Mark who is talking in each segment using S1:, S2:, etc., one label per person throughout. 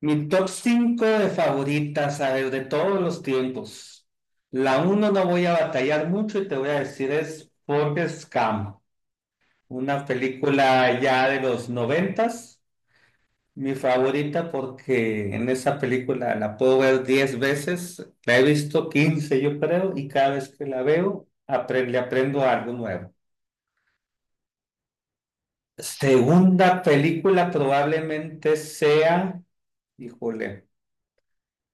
S1: Mi top 5 de favoritas, a ver, de todos los tiempos. La uno no voy a batallar mucho y te voy a decir es Forrest Gump, una película ya de los noventas. Mi favorita porque en esa película la puedo ver 10 veces, la he visto 15 yo creo y cada vez que la veo le aprendo algo nuevo. Segunda película probablemente sea, híjole.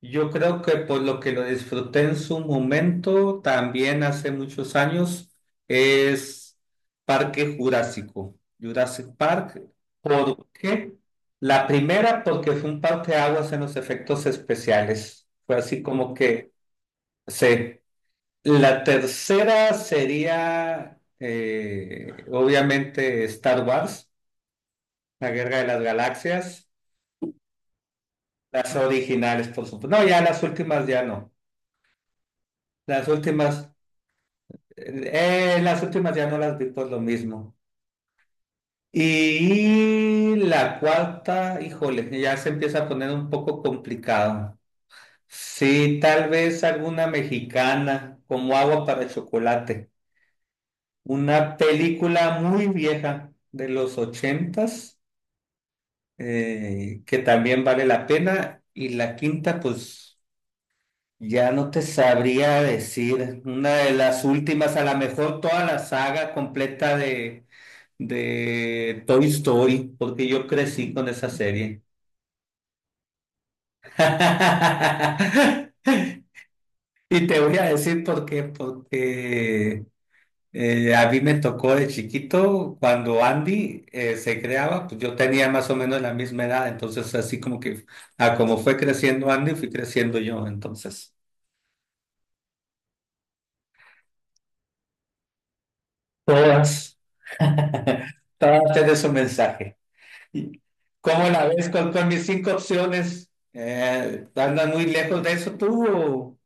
S1: Yo creo que por lo que lo disfruté en su momento, también hace muchos años, es Parque Jurásico, Jurassic Park. ¿Por qué? La primera, porque fue un aguas en los efectos especiales. Fue así como que se. La tercera sería, obviamente, Star Wars, La Guerra de las Galaxias, las originales, por supuesto. No, ya las últimas ya no. Las últimas. Las últimas ya no las vi por lo mismo. Y la cuarta, híjole, ya se empieza a poner un poco complicado. Sí, tal vez alguna mexicana, como Agua para Chocolate. Una película muy vieja de los ochentas, que también vale la pena. Y la quinta, pues ya no te sabría decir. Una de las últimas, a lo mejor toda la saga completa de Toy Story, porque yo crecí con esa serie. Y te voy a decir por qué, porque a mí me tocó de chiquito, cuando Andy se creaba, pues yo tenía más o menos la misma edad, entonces así como que, a como fue creciendo Andy, fui creciendo yo, entonces. Todas. Todas tienen su mensaje. Y- ¿Cómo la ves con mis cinco opciones? ¿Andas muy lejos de eso tú?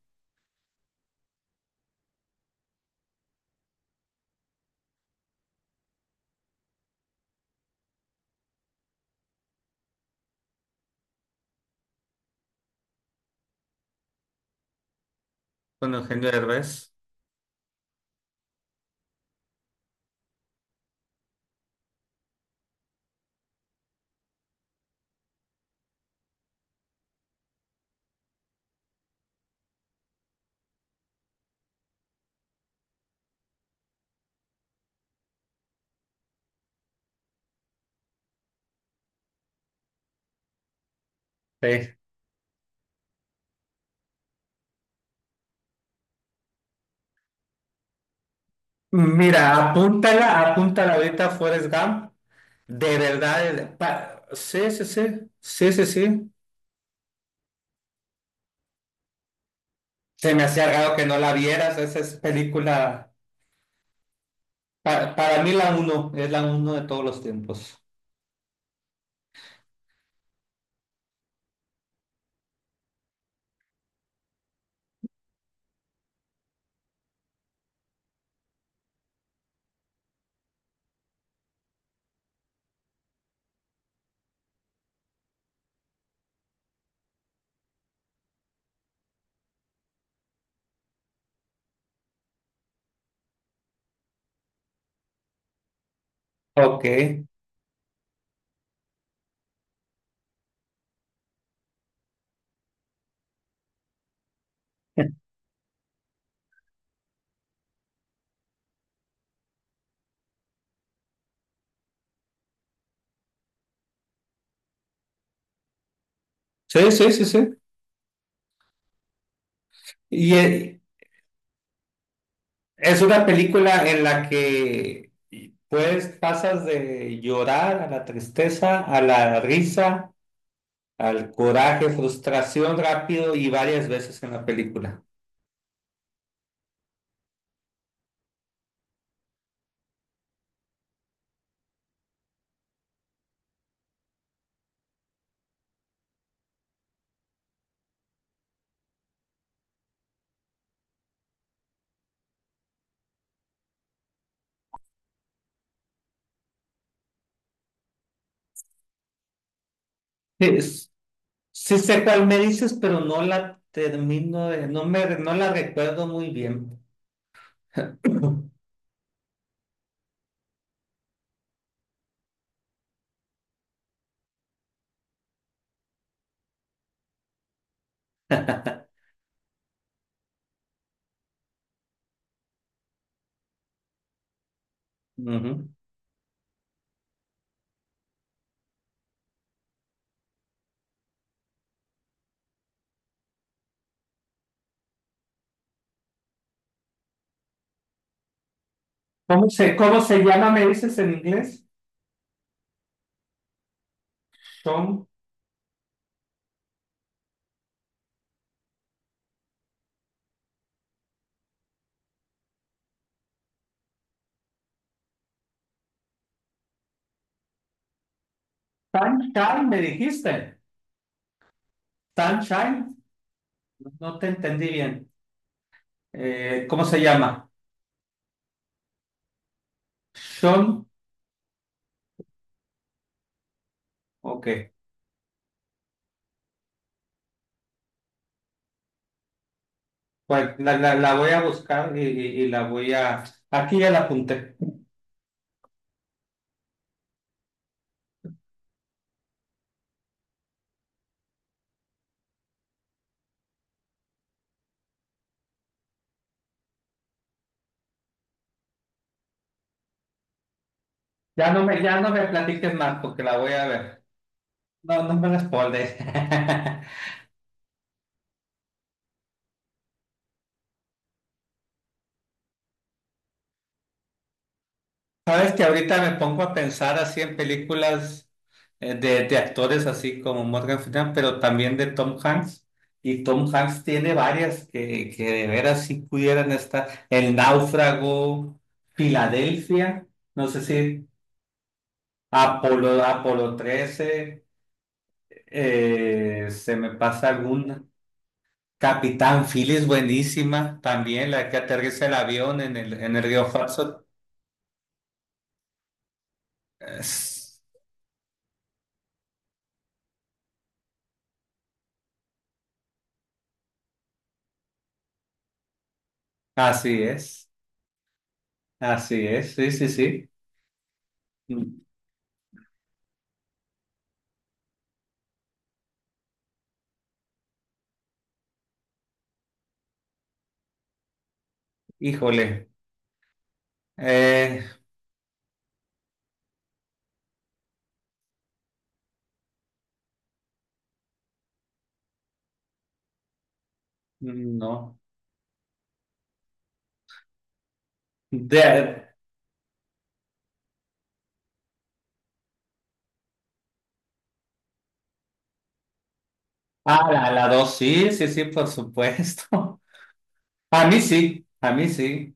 S1: Con Eugenio Derbez. Sí. Mira, apúntala, apúntala ahorita Forrest Gump. De verdad, sí, sí, sí, sí, sí, sí. Se me hacía raro que no la vieras. Esa es película, para mí la uno, es la uno de todos los tiempos. Ok. Sí, sí, sí, sí. Y, eh, Es una película en la que pues pasas de llorar a la tristeza, a la risa, al coraje, frustración rápido y varias veces en la película. Es- sí sé cuál me dices, pero no la termino de, no me, no la recuerdo muy bien. Ujú. ¿Cómo se llama, me dices en inglés? Tom Sunshine, me dijiste. Sunshine, no te entendí bien. ¿Cómo se llama? Sol, ok. Pues la voy a buscar y la voy a. Aquí ya la apunté. Ya no me platiques más porque la voy a ver. No, no me respondes. Sabes que ahorita me pongo a pensar así en películas de actores así como Morgan Freeman, pero también de Tom Hanks. Y Tom Hanks tiene varias que de veras sí pudieran estar. El Náufrago, Filadelfia, no sé si Apolo trece. Se me pasa alguna. Capitán Phillips, es buenísima. También la que aterriza el avión en el río Hudson. Es- Así es. Así es. Sí, sí, sí. Mm. Híjole. Eh, no. De, la dos. Sí, sí, sí, por supuesto. A mí sí. A mí sí.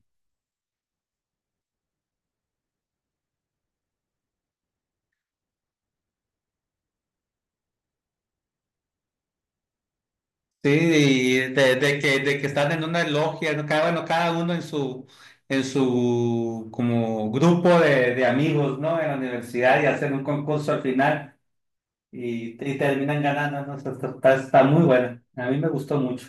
S1: Sí, y de que están en una logia, ¿no? Cada, bueno, cada uno en su como grupo de amigos, ¿no? En la universidad y hacen un concurso al final y terminan ganando, ¿no? O sea, está muy buena. A mí me gustó mucho.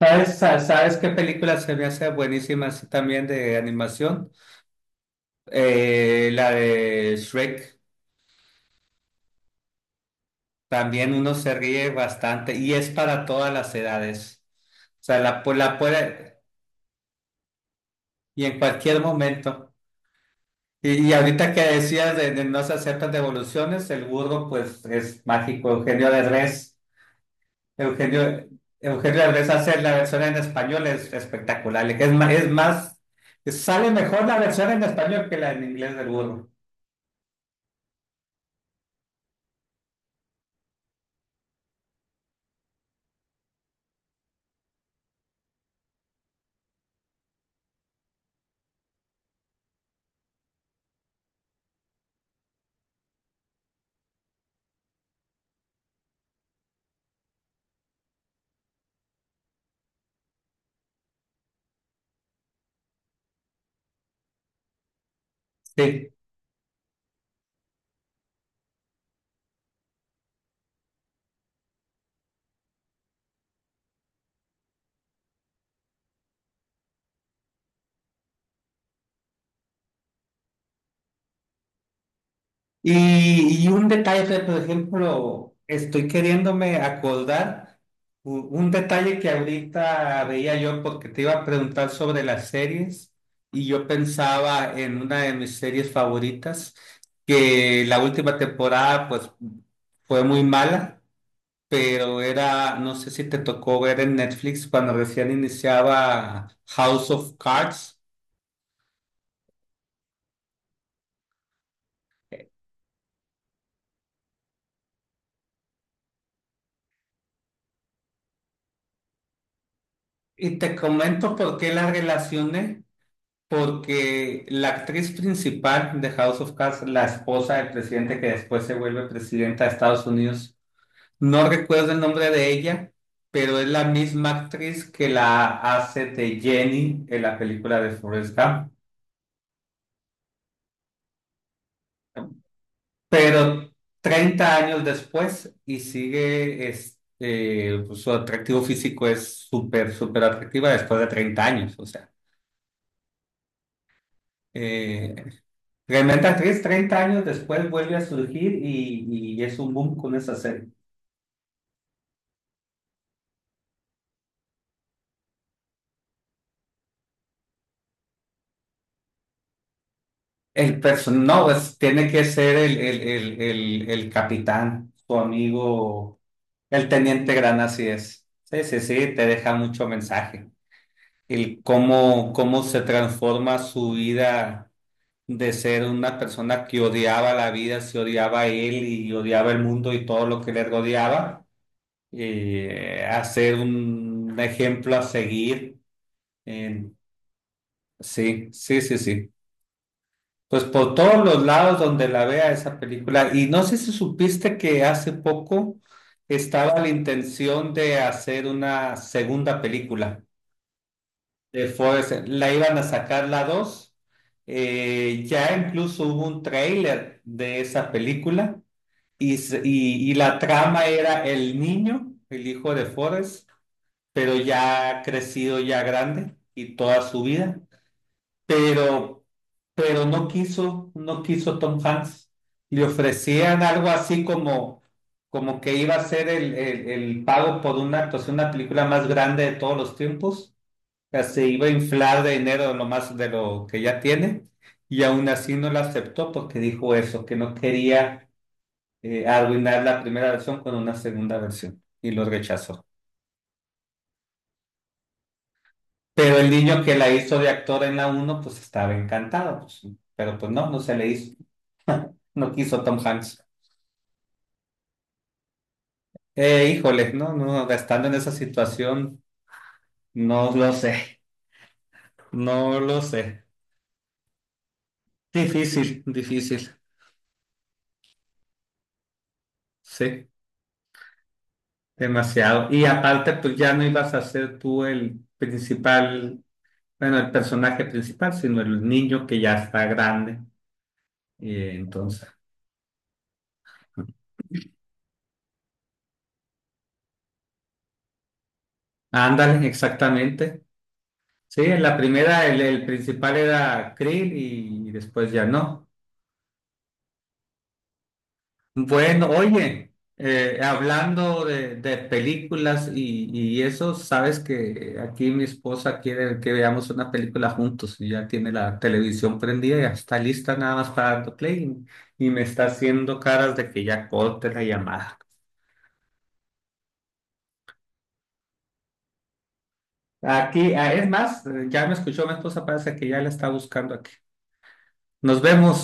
S1: ¿Sabes qué película se me hace buenísima así también de animación? La de Shrek. También uno se ríe bastante y es para todas las edades. O sea, la puede y en cualquier momento. Y ahorita que decías de no se aceptan devoluciones, el burro pues es mágico. Eugenio, Eugenio Derbez hace la versión en español, es espectacular. Es más, sale mejor la versión en español que la en inglés del burro. Sí. Y un detalle, por ejemplo, estoy queriéndome acordar un detalle que ahorita veía yo porque te iba a preguntar sobre las series y yo pensaba en una de mis series favoritas, que la última temporada pues fue muy mala, pero era, no sé si te tocó ver en Netflix cuando recién iniciaba House of Cards. Y te comento por qué la relacioné. Porque la actriz principal de House of Cards, la esposa del presidente que después se vuelve presidenta de Estados Unidos, no recuerdo el nombre de ella, pero es la misma actriz que la hace de Jenny en la película de Forrest Gump. Pero 30 años después y sigue, pues, su atractivo físico es súper, súper atractiva después de 30 años, o sea. eh, Tremenda actriz, 30 años después vuelve a surgir y es un boom con esa serie. El person no, es Tiene que ser el capitán, tu amigo, el teniente Gran, así es. Sí, sí, sí, te deja mucho mensaje. El cómo se transforma su vida de ser una persona que odiaba la vida, se odiaba a él y odiaba el mundo y todo lo que le rodeaba, a ser un ejemplo a seguir. En Sí, sí, sí, sí. Pues por todos los lados donde la vea esa película. Y no sé si supiste que hace poco estaba la intención de hacer una segunda película de Forrest. La iban a sacar la dos. Ya incluso hubo un tráiler de esa película y la trama era el niño, el hijo de Forrest, pero ya crecido, ya grande y toda su vida. pero, pero no quiso Tom Hanks. Le ofrecían algo así como que iba a ser el pago por una actuación, una película más grande de todos los tiempos. O sea, se iba a inflar de dinero de lo más de lo que ya tiene. Y aún así no la aceptó porque dijo eso, que no quería arruinar la primera versión con una segunda versión. Y lo rechazó. Pero el niño que la hizo de actor en la uno pues estaba encantado, pues, pero pues no, no se le hizo. No quiso Tom Hanks. Híjole, no, no, estando en esa situación, no lo sé, no lo sé. Difícil, difícil, sí, demasiado. Y aparte, pues ya no ibas a ser tú el principal, bueno, el personaje principal, sino el niño que ya está grande. Y entonces, ándale, exactamente. Sí, en la primera el principal era Krill y después ya no. Bueno, oye, hablando de películas y eso, sabes que aquí mi esposa quiere que veamos una película juntos y ya tiene la televisión prendida, ya está lista nada más para darle play y me está haciendo caras de que ya corte la llamada. Aquí, es más, ya me escuchó mi esposa, parece que ya la está buscando aquí. Nos vemos.